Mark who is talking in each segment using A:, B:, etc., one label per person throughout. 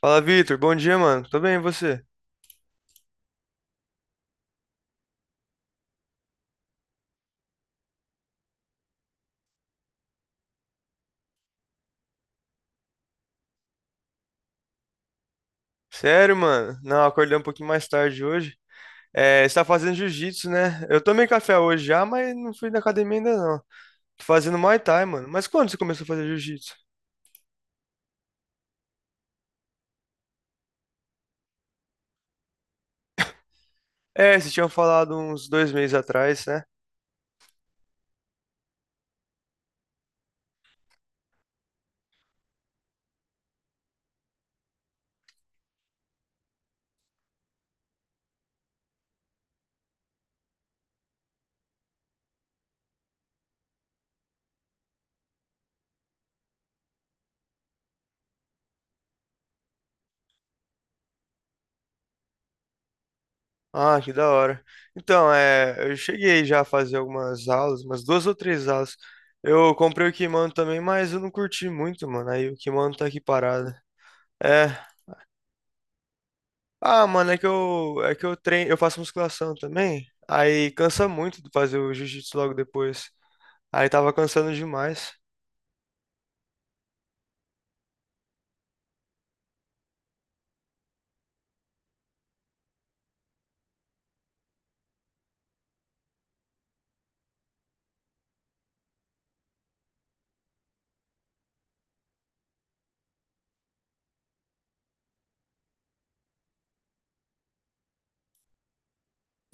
A: Fala, Vitor. Bom dia, mano. Tô bem, e você? Sério, mano? Não, acordei um pouquinho mais tarde hoje. É, você tá fazendo jiu-jitsu, né? Eu tomei café hoje já, mas não fui na academia ainda não. Tô fazendo Muay Thai, mano. Mas quando você começou a fazer jiu-jitsu? É, vocês tinham falado uns dois meses atrás, né? Ah, que da hora. Então, eu cheguei já a fazer algumas aulas, umas duas ou três aulas. Eu comprei o kimono também, mas eu não curti muito, mano. Aí o kimono tá aqui parado. É. Ah, mano, é que eu treino, eu faço musculação também. Aí cansa muito de fazer o jiu-jitsu logo depois. Aí tava cansando demais.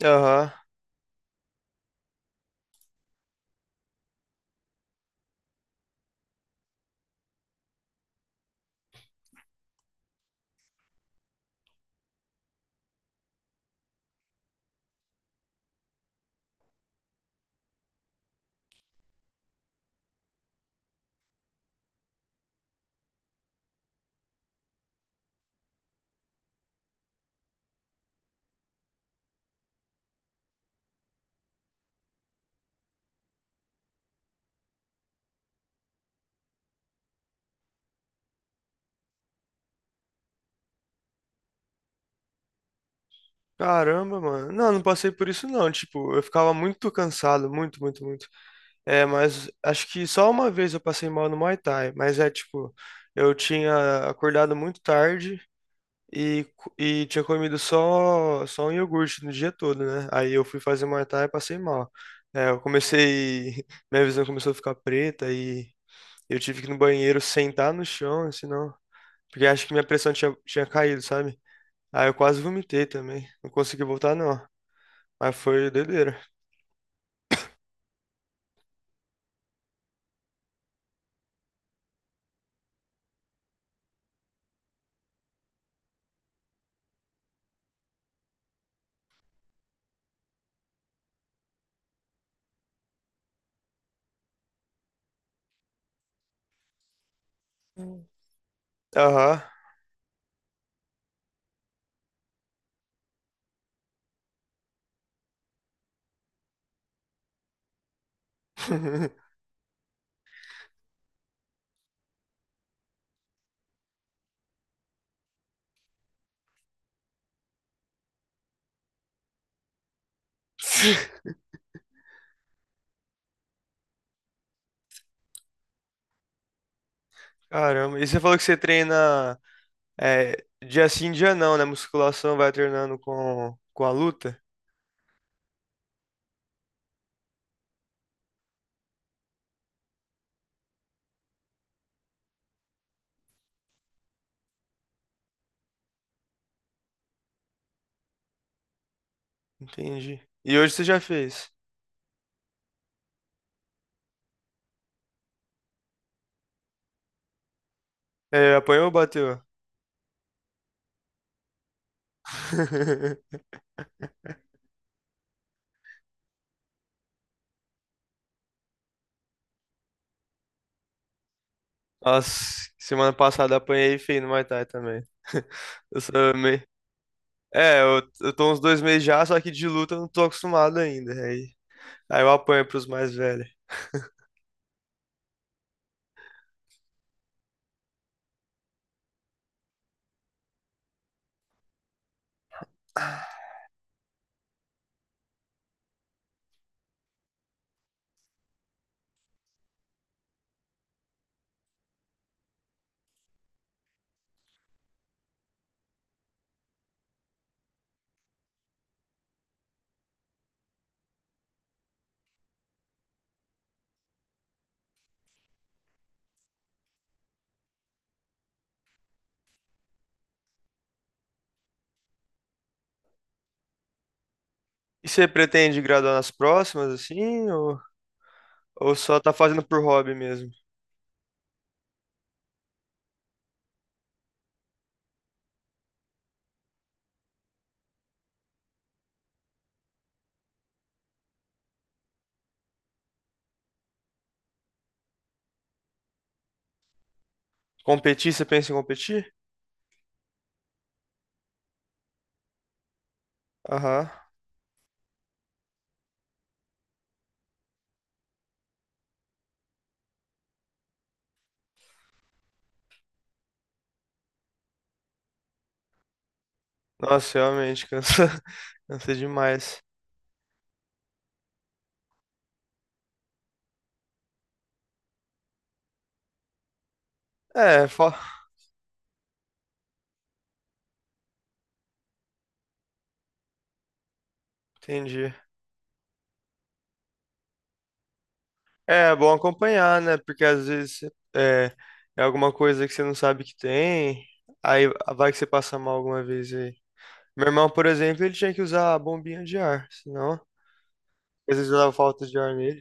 A: Aham. Caramba, mano. Não, não passei por isso não. Tipo, eu ficava muito cansado, muito, muito, muito. É, mas acho que só uma vez eu passei mal no Muay Thai, mas é tipo, eu tinha acordado muito tarde e tinha comido só, só um iogurte no dia todo, né? Aí eu fui fazer Muay Thai e passei mal. É, eu comecei, minha visão começou a ficar preta e eu tive que ir no banheiro sentar no chão, senão, porque acho que minha pressão tinha caído, sabe? Aí eu quase vomitei também, não consegui voltar não. Mas foi doideira. Aham. Caramba, e você falou que você treina é, dia sim, dia não, né? Musculação vai treinando com a luta? Entendi. E hoje você já fez? É, apanhou ou bateu? Nossa, semana passada apanhei feio no Muay Thai também. Eu sou meio... É, eu tô uns dois meses já, só que de luta eu não tô acostumado ainda. Aí, aí eu apanho pros mais velhos. E você pretende graduar nas próximas, assim? Ou só tá fazendo por hobby mesmo? Competir, você pensa em competir? Aham. Nossa, realmente, cansa, cansa demais. É, fo... Entendi. É bom acompanhar, né? Porque às vezes é, é alguma coisa que você não sabe que tem, aí vai que você passa mal alguma vez aí. Meu irmão, por exemplo, ele tinha que usar a bombinha de ar, senão às vezes dava falta de ar nele.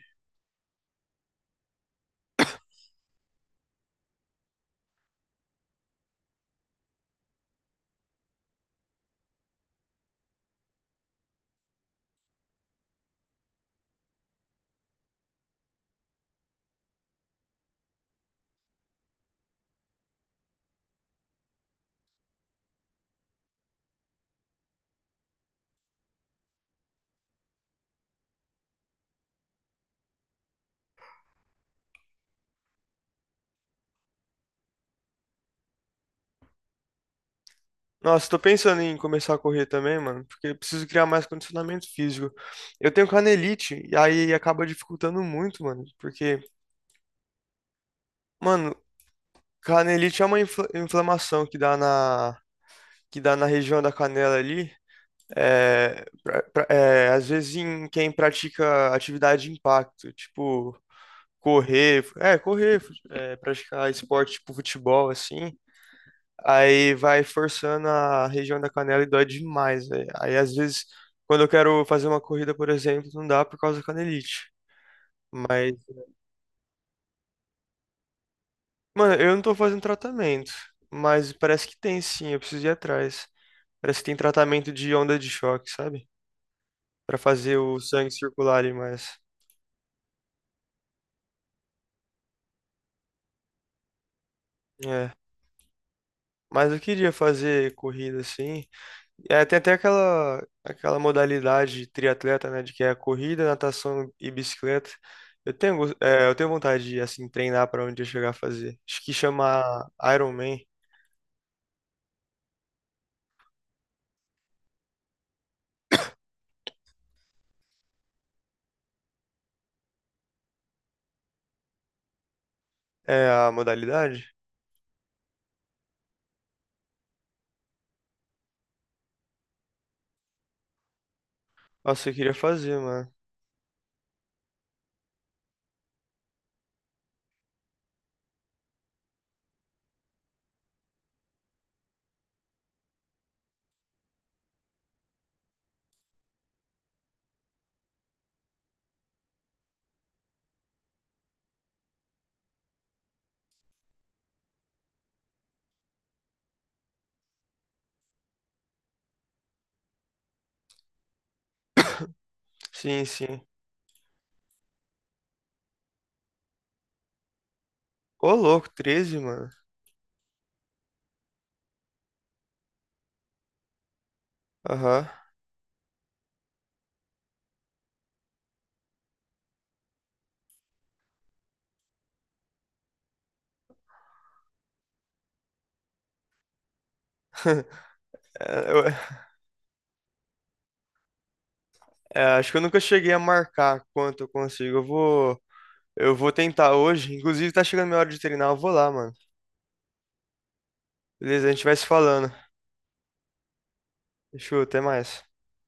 A: Nossa, tô pensando em começar a correr também, mano, porque eu preciso criar mais condicionamento físico. Eu tenho canelite, e aí acaba dificultando muito, mano, porque, mano, canelite é uma inflamação que dá na região da canela ali, é, às vezes em quem pratica atividade de impacto, tipo correr, correr, praticar esporte tipo futebol, assim, aí vai forçando a região da canela e dói demais, velho. Aí às vezes, quando eu quero fazer uma corrida, por exemplo, não dá por causa da canelite. Mas, mano, eu não tô fazendo tratamento, mas parece que tem sim, eu preciso ir atrás. Parece que tem tratamento de onda de choque, sabe? Pra fazer o sangue circular ali mais. É. Mas eu queria fazer corrida assim. É, tem até aquela, aquela modalidade de triatleta, né? De que é corrida, natação e bicicleta. Eu tenho vontade de assim, treinar para onde eu chegar a fazer. Acho que chama Ironman é a modalidade. Nossa, eu queria fazer, mano. Sim, sim. Ô, louco, 13 mano. Aham. É, eu- é, acho que eu nunca cheguei a marcar quanto eu consigo. Eu vou tentar hoje. Inclusive, tá chegando minha hora de treinar. Eu vou lá, mano. Beleza, a gente vai se falando. Fechou, até mais.